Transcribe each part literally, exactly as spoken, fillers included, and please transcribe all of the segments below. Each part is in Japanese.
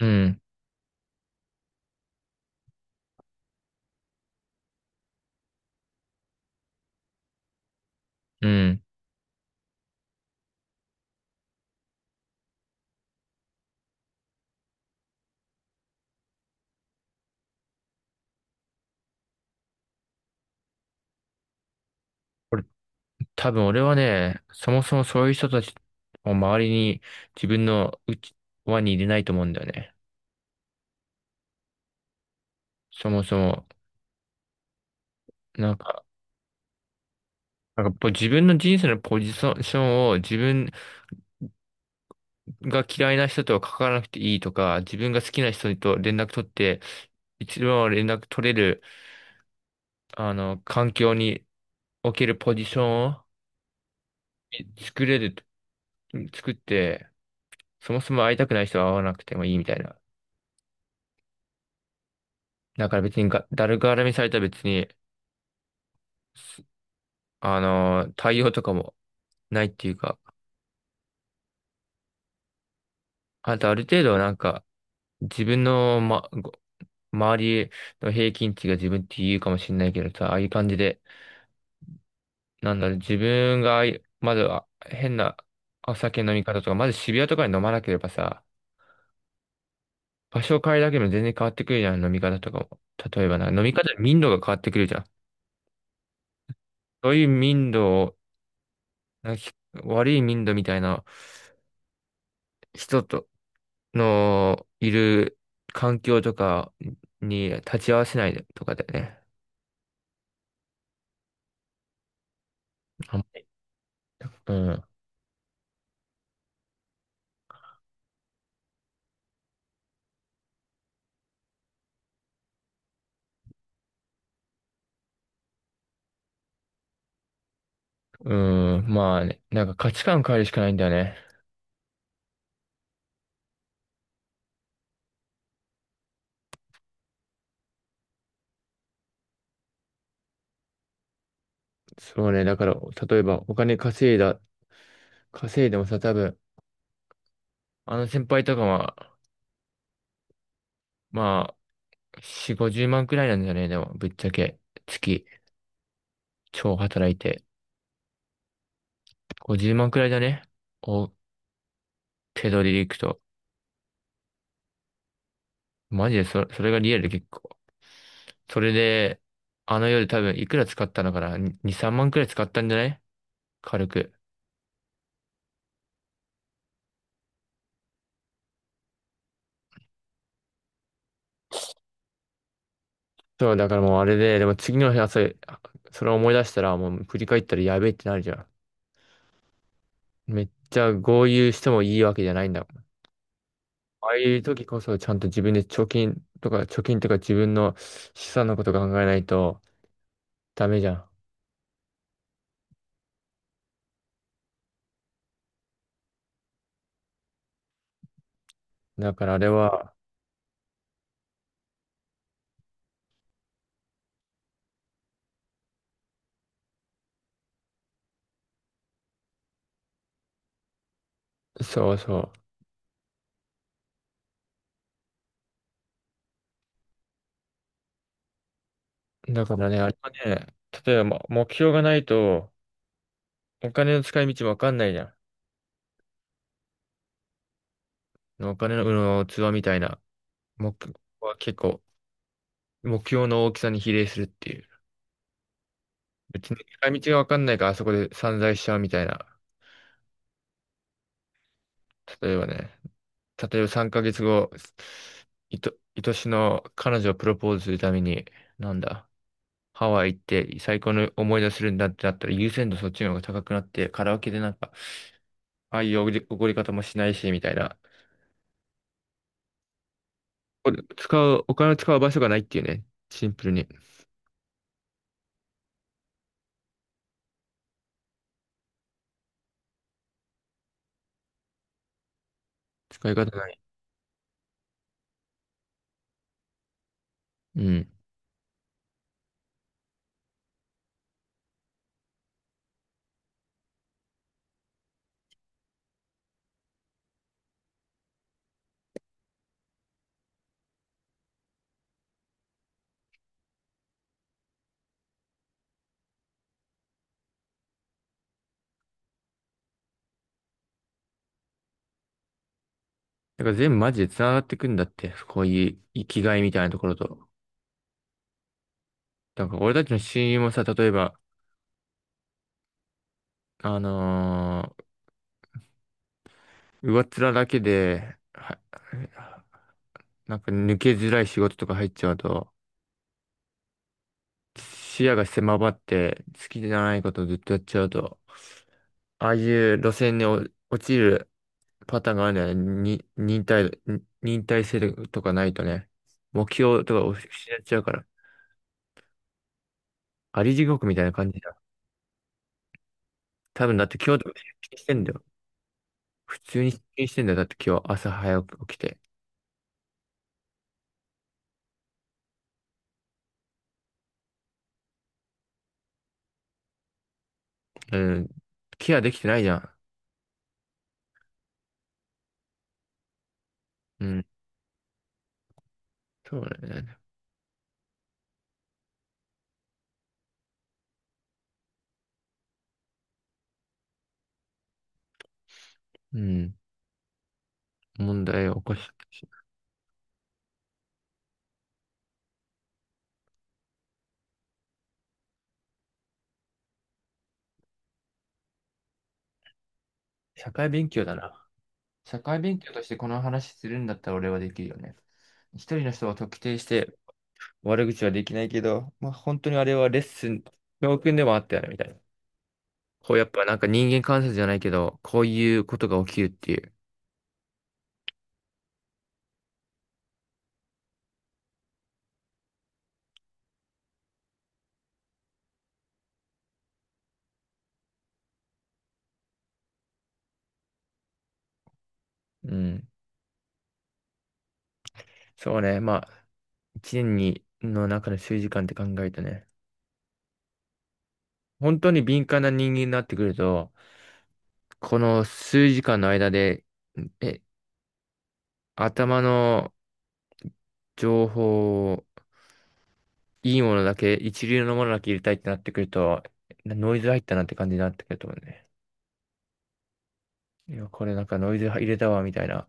うん、うん。これ多分俺はね、そもそもそういう人たちを周りに自分のうち輪に入れないと思うんだよね。そもそも。なんか、なんかぽ自分の人生のポジションを、自分が嫌いな人とは関わらなくていいとか、自分が好きな人と連絡取って、一番連絡取れる、あの、環境におけるポジションを作れる、作って、そもそも会いたくない人は会わなくてもいいみたいな。だから別にが、誰絡みされたら、別にあのー、対応とかもないっていうか、あとある程度なんか、自分の、ま、ご周りの平均値が自分って言うかもしれないけどさ、ああいう感じで、なんだろう、自分がああいう、まずは変なお酒の飲み方とか、まず渋谷とかに飲まなければさ、場所を変えるだけでも全然変わってくるじゃん、飲み方とかも。例えばな、飲み方、民度が変わってくるじゃん。そういう民度を、なんかひ悪い民度みたいな人と、のいる環境とかに立ち会わせないとかだよね。あうん。うん。まあね、なんか価値観変えるしかないんだよね。そうね。だから、例えばお金稼いだ、稼いでもさ、多分、あの先輩とかは、まあ、し、ごじゅうまんくらいなんだよね。でも、ぶっちゃけ、月、超働いて。ごじゅうまんくらいだね。お、手取りでいくと。マジでそ、それがリアルで結構。それで、あの夜多分いくら使ったのかな？ に、さんまんくらい使ったんじゃない、軽く。そう、だからもうあれで、でも次の日朝、それを思い出したら、もう振り返ったらやべえってなるじゃん。めっちゃ豪遊してもいいわけじゃないんだもん。ああいう時こそちゃんと自分で貯金とか、貯金とか自分の資産のこと考えないとダメじゃん。だからあれは、そうそう。だからね、あれはね、例えばま目標がないと、お金の使い道もわかんないじゃん。お金の、うん、器みたいな。目は結構、目標の大きさに比例するっていう。別に使い道がわかんないからあそこで散財しちゃうみたいな。例えばね、例えばさんかげつご、いと、愛しの彼女をプロポーズするために、なんだ、ハワイ行って最高の思い出するんだってなったら、優先度そっちの方が高くなって、カラオケでなんか、ああいうおごり、おごり方もしないし、みたいな。これ使う、お金を使う場所がないっていうね。シンプルに。使い方ない。うん。だから全部マジで繋がってくんだって。こういう生きがいみたいなところと。だから俺たちの親友もさ、例えば、あのー上っ面だけで、は、なんか抜けづらい仕事とか入っちゃうと、視野が狭まって、好きじゃないことをずっとやっちゃうと、ああいう路線にお落ちるパターンがあるんだよね。に、忍耐、に忍耐性とかないとね、目標とかを失っちゃうから、あり地獄みたいな感じだ。多分だって今日とか出勤してんだよ。普通に出勤してんだよ。だって今日朝早く起きて。うん。ケアできてないじゃん。うん。そうだよね。うん。問題を起こしたかもしれない。社会勉強だな。社会勉強としてこの話するんだったら俺はできるよね。一人の人を特定して悪口はできないけど、まあ本当にあれはレッスン、教訓でもあったよね、みたいな。こうやっぱなんか人間観察じゃないけど、こういうことが起きるっていう。うん。そうね。まあ、一年にの中の数時間って考えるとね、本当に敏感な人間になってくると、この数時間の間で、え、頭の情報、いいものだけ、一流のものだけ入れたいってなってくると、ノイズ入ったなって感じになってくると思うね。いや、これなんかノイズ入れたわ、みたいな。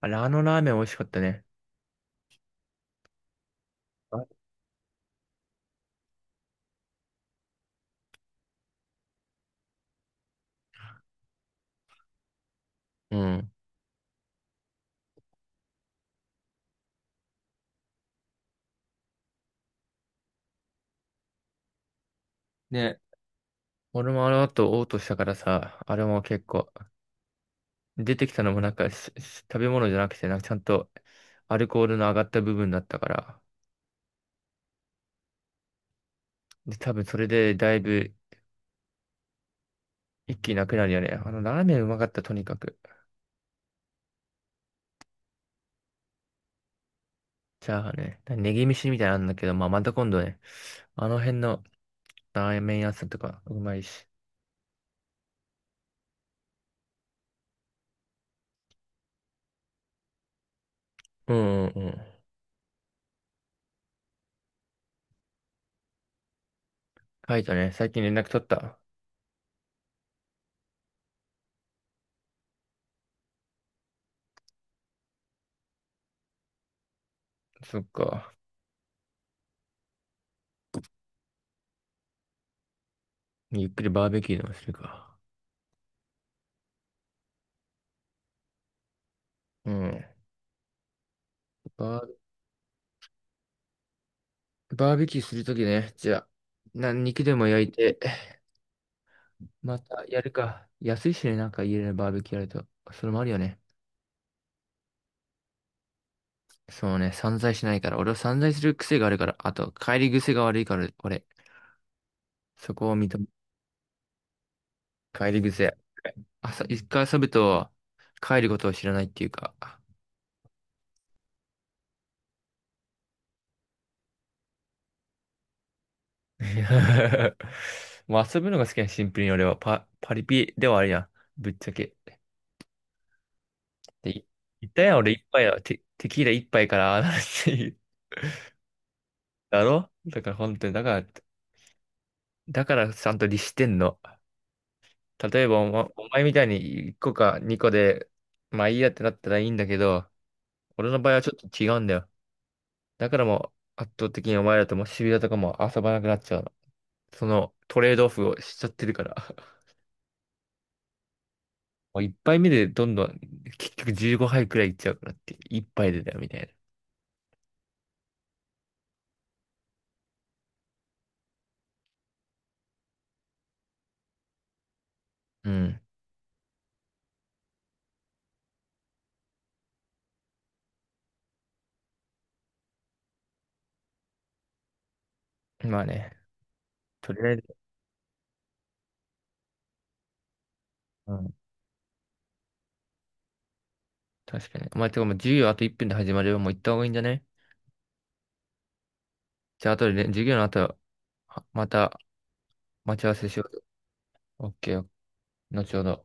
あれ、あのラーメン美味しかったね。あうん。ね。俺もあの後嘔吐したからさ、あれも結構、出てきたのもなんかしし食べ物じゃなくて、なんかちゃんとアルコールの上がった部分だったから、で、多分それでだいぶ一気になくなるよね。あのラーメンうまかった、とにかく。チャーハンね。ネギ飯みたいなのあるんだけど、まあ、また今度ね、あの辺のラーメン屋さんとかうまいし。うんうんうん。カイトね、最近連絡取った。そっか。ゆっくりバーベキューでもするか。うん。バー、バーベキューするときね、じゃあ、な、肉でも焼いて、またやるか。安いしね、なんか家でねバーベキューやると。それもあるよね。そうね、散財しないから。俺は散財する癖があるから。あと、帰り癖が悪いから、俺。そこを認め帰り癖。朝、一回遊ぶと帰ることを知らないっていうか。いや まあ遊ぶのが好きな、シンプルに俺はパ、パリピではあるやん。ぶっちゃけ。で、い言ったやん、俺一杯はテ、テキーラ一杯からああなるっていう。だろだから本当に、だから、だからちゃんと律してんの。例えばお、ま、お前みたいにいっこかにこで、まあいいやってなったらいいんだけど、俺の場合はちょっと違うんだよ。だからもう圧倒的にお前らともシビラとかも遊ばなくなっちゃうの。そのトレードオフをしちゃってるから。もう一杯目でどんどん結局じゅうごはいくらいいっちゃうからって、一杯でだよみたいな。うん。まあね、とりあえず、うん、確かに。お前、てかもう授業あといっぷんで始まるよ。もう行った方がいいんじゃね？じゃあ、後でね、授業の後、はまた待ち合わせしよう。オッケー、後ほど。